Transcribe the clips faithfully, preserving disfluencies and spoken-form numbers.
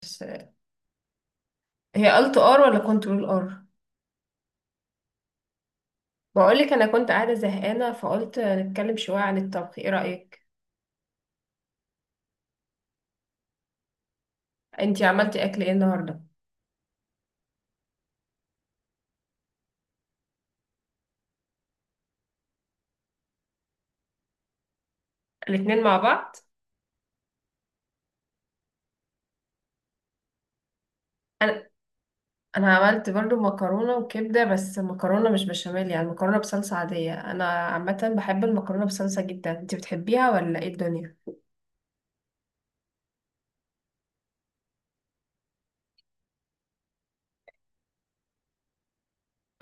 بس، هي قلت ار ولا كنترول ار؟ بقولك انا كنت قاعده زهقانه فقلت نتكلم شويه عن الطبخ، ايه رايك؟ انتي عملتي اكل ايه النهارده؟ الاتنين مع بعض. انا انا عملت برضو مكرونه وكبده، بس مكرونه مش بشاميل، يعني مكرونه بصلصه عاديه. انا عامه بحب المكرونه بصلصه جدا، انتي بتحبيها ولا ايه الدنيا؟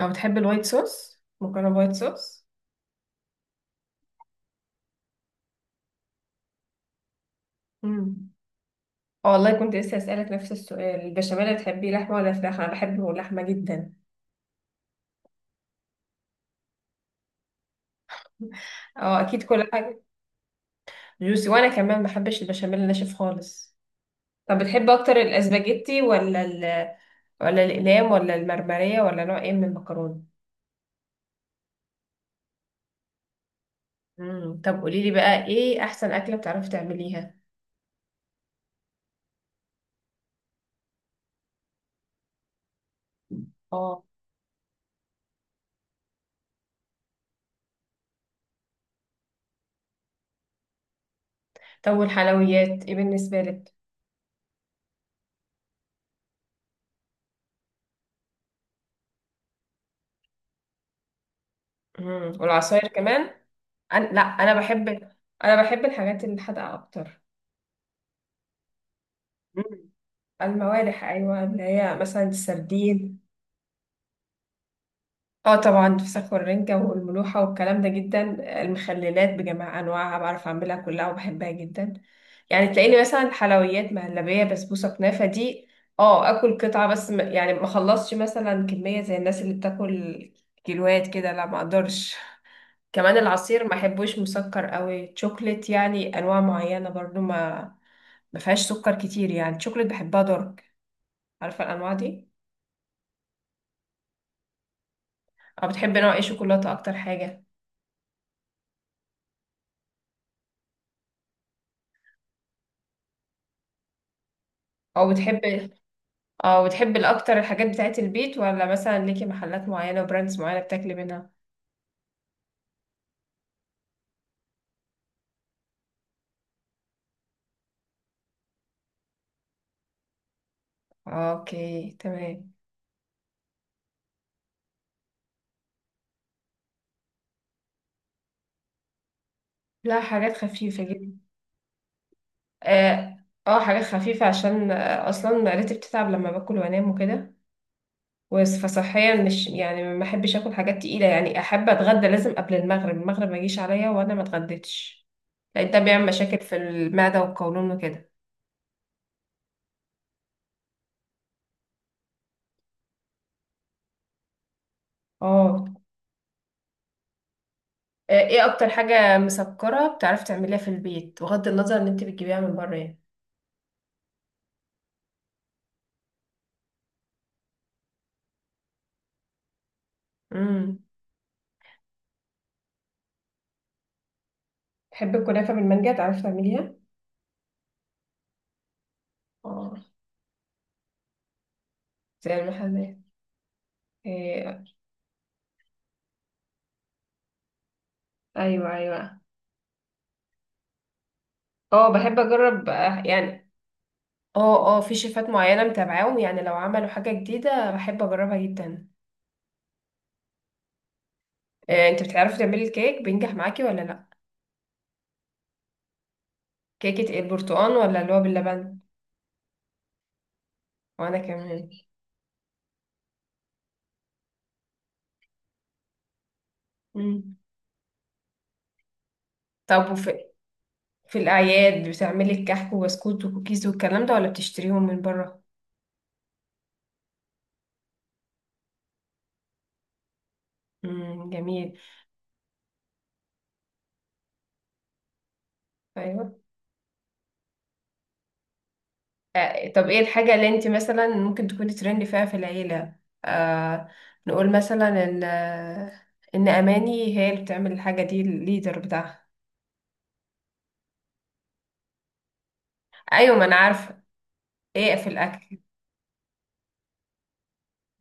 او بتحبي الوايت صوص، مكرونه وايت صوص؟ امم آه والله، كنت لسه اسالك نفس السؤال، البشاميل بتحبيه لحمه ولا فراخ؟ انا بحبه لحمه جدا. اه اكيد، كل حاجه جوسي، وانا كمان ما بحبش البشاميل الناشف خالص. طب بتحب اكتر الاسباجيتي ولا ال ولا الاقلام ولا المرمرية ولا نوع ايه من المكرونة؟ امم طب قولي لي بقى ايه احسن اكلة بتعرفي تعمليها؟ اه، طب والحلويات ايه بالنسبة لك؟ امم والعصاير كمان؟ أنا... لا، انا بحب انا بحب الحاجات الحادقة اكتر. مم. الموالح، ايوه، اللي هي مثلا السردين. اه طبعا، الفسخ والرنجة والملوحة والكلام ده جدا. المخللات بجميع انواعها بعرف اعملها كلها وبحبها جدا. يعني تلاقيني مثلا حلويات، مهلبية، بسبوسة، كنافة، دي اه اكل قطعة بس، م- يعني ما اخلصش مثلا كمية زي الناس اللي بتاكل كيلوات كده، لا ما اقدرش. كمان العصير ما احبوش مسكر قوي، شوكليت يعني انواع معينة برضو ما ما فيهاش سكر كتير، يعني شوكليت بحبها دارك، عارفة الانواع دي؟ او بتحب نوع ايه شوكولاتة اكتر حاجة؟ او بتحب اه وتحبي الاكتر الحاجات بتاعت البيت ولا مثلا ليكي محلات معينة وبراندز معينة بتاكلي منها؟ اوكي، تمام. لا، حاجات خفيفة جدا. اه آه، حاجات خفيفة، عشان آه، اصلا معدتي بتتعب لما باكل وانام وكده. وس- فصحيا مش، يعني ما احبش اكل حاجات تقيلة، يعني احب اتغدى لازم قبل المغرب، المغرب ما يجيش عليا وانا ما اتغديتش، لان ده بيعمل مشاكل في المعدة والقولون وكده. اه آه، ايه اكتر حاجة مسكرة بتعرفي تعمليها في البيت، بغض النظر ان انت بتجيبيها من بره يعني؟ امم. بحب الكنافة بالمانجا، تعرفي تعمليها؟ اه، زي المحلات. إيه. أيوة أيوة. اه بحب أجرب آه، يعني. اه اه، في شيفات معينة متابعاهم، يعني لو عملوا حاجة جديدة بحب أجربها جدا. إيه. أنت بتعرفي تعملي الكيك، بينجح معاكي ولا لأ؟ كيكة البرتقال ولا اللي هو باللبن؟ وأنا كمان. مم. طب، وفي في الأعياد بتعملي الكحك وبسكوت وكوكيز والكلام ده ولا بتشتريهم من بره؟ مم. جميل. أيوة. آه، طب ايه الحاجة اللي انت مثلا ممكن تكوني ترند فيها في العيلة؟ آه نقول مثلا ان آه، ان اماني هي اللي بتعمل الحاجة دي، الليدر بتاعها. ايوه، ما انا عارفة. ايه في الاكل؟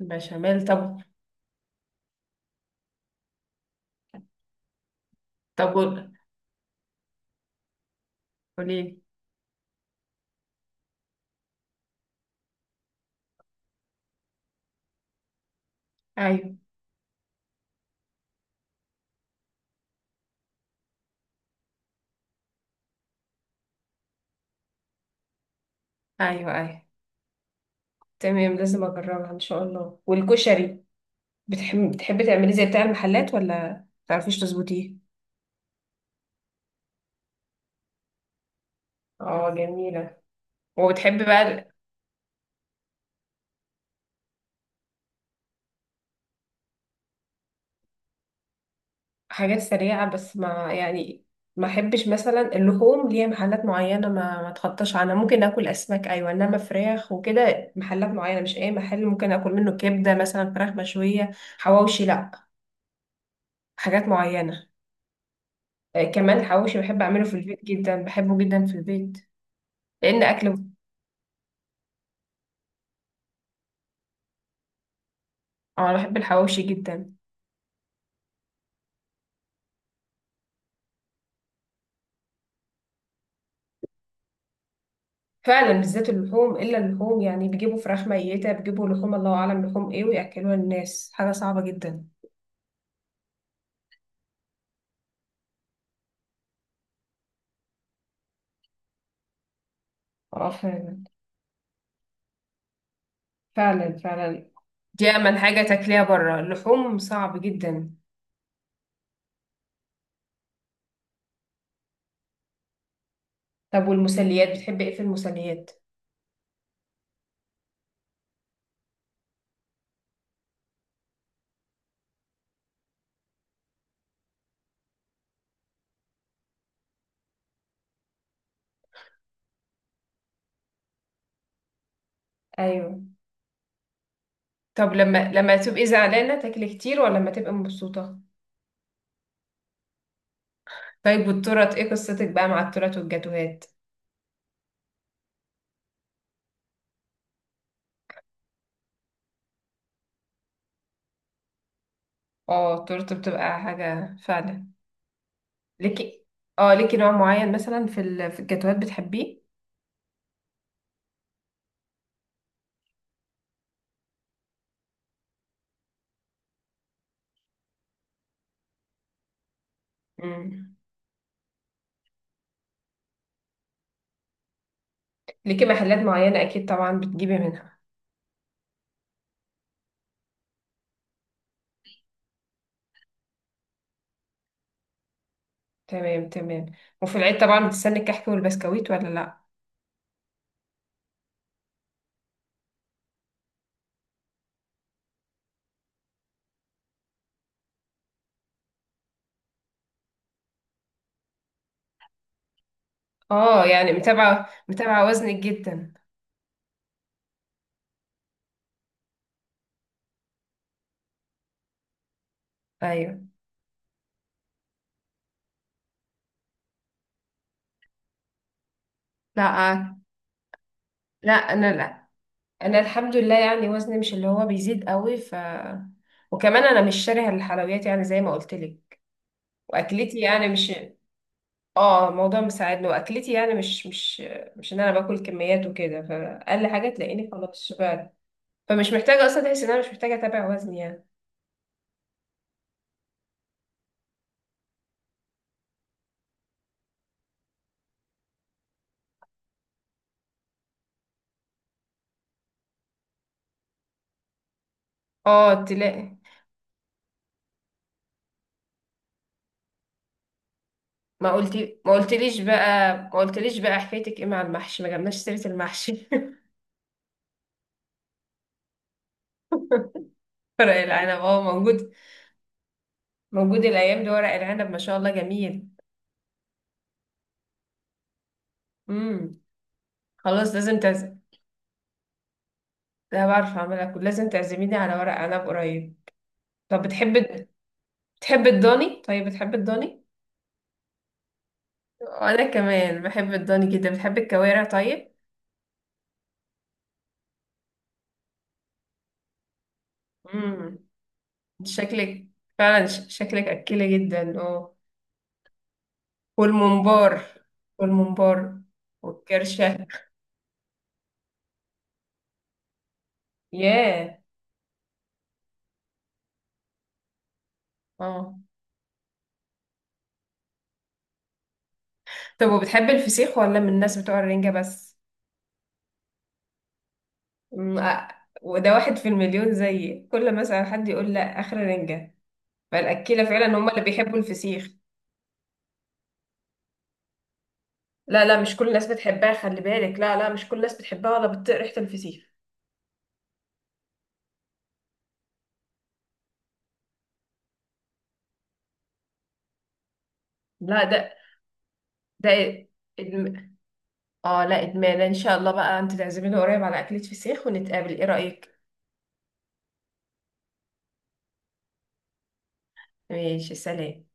البشاميل، طب. طب قول- قوليلي. ايوه ايوه. ايوه تمام، لازم اجربها ان شاء الله. والكشري، بتحب بتحبي تعملي زي بتاع المحلات ولا متعرفيش تظبطيه؟ اه جميلة. وبتحبي بقى حاجات سريعة، بس، ما يعني ما احبش مثلا اللحوم، ليها محلات معينة ما ما اتخطاش عنها، ممكن اكل اسماك ايوه، انما فراخ وكده محلات معينة، مش اي محل ممكن اكل منه كبدة مثلا، فراخ مشوية، حواوشي لا، حاجات معينة. آه، كمان الحواوشي بحب اعمله في البيت جدا، بحبه جدا في البيت لان اكله. اه انا بحب الحواوشي جدا. فعلا بالذات اللحوم، الا اللحوم يعني، بيجيبوا فراخ ميتة، بيجيبوا لحوم الله اعلم لحوم ايه وياكلوها الناس، حاجة صعبة جدا. اه فعلا، فعلا، فعلا. دي أمن حاجة تاكليها بره، اللحوم صعب جدا. طب والمسليات بتحبي ايه في المسليات؟ ايوه. طب لما لما تبقي زعلانة تاكلي كتير ولا لما تبقي مبسوطة؟ طيب والتورت ايه قصتك بقى مع التورت والجاتوهات؟ اه التورت بتبقى حاجة فعلا. ليكي، اه ليكي نوع معين مثلا في ال... في الجاتوهات بتحبيه؟ امم. ليكي محلات معينة اكيد طبعا بتجيبي منها. تمام تمام. وفي العيد طبعا بتستني الكحك والبسكويت ولا لا؟ اه يعني، متابعة متابعة وزنك جدا؟ ايوه. لا، لا انا لا، انا الحمد لله يعني، وزني مش اللي هو بيزيد قوي، ف وكمان انا مش شاريه الحلويات يعني، زي ما قلت لك، واكلتي يعني مش اه الموضوع مساعدني، واكلتي يعني مش مش مش ان انا باكل كميات وكده، فاقل حاجه تلاقيني خلاص شبعت، فمش محتاجه، اصلا تحس ان انا مش محتاجه اتابع وزني يعني. اه تلاقي ما قلتي ما قلتليش بقى ما قلتليش بقى حكايتك ايه مع المحشي؟ ما جبناش سيره المحشي. ورق العنب، اه موجود. موجود الايام دي ورق العنب ما شاء الله، جميل. امم. خلاص، لازم تعزم، ده بعرف اعملها، كل لازم تعزميني على ورق عنب قريب. طب بتحب بتحب الضاني، طيب بتحب الضاني؟ وانا كمان بحب الضاني جدا. بتحب الكوارع طيب؟ امم. شكلك فعلا، ش- شكلك اكيله جدا، اه. والممبار والممبار والكرشه. ياه. اه طب وبتحب الفسيخ ولا من الناس بتوع الرنجه بس؟ مم، آه. وده واحد في المليون زيي، كل مثلا حد يقول لا، اخر رنجه، فالاكيله فعلا هم اللي بيحبوا الفسيخ. لا لا، مش كل الناس بتحبها خلي بالك، لا لا مش كل الناس بتحبها ولا بتطيق ريحة الفسيخ. لا، ده ده إدم... اه لا، ادمان ان شاء الله بقى، انت تعزميني قريب على اكلة فسيخ ونتقابل، ايه رأيك؟ ماشي، سلام.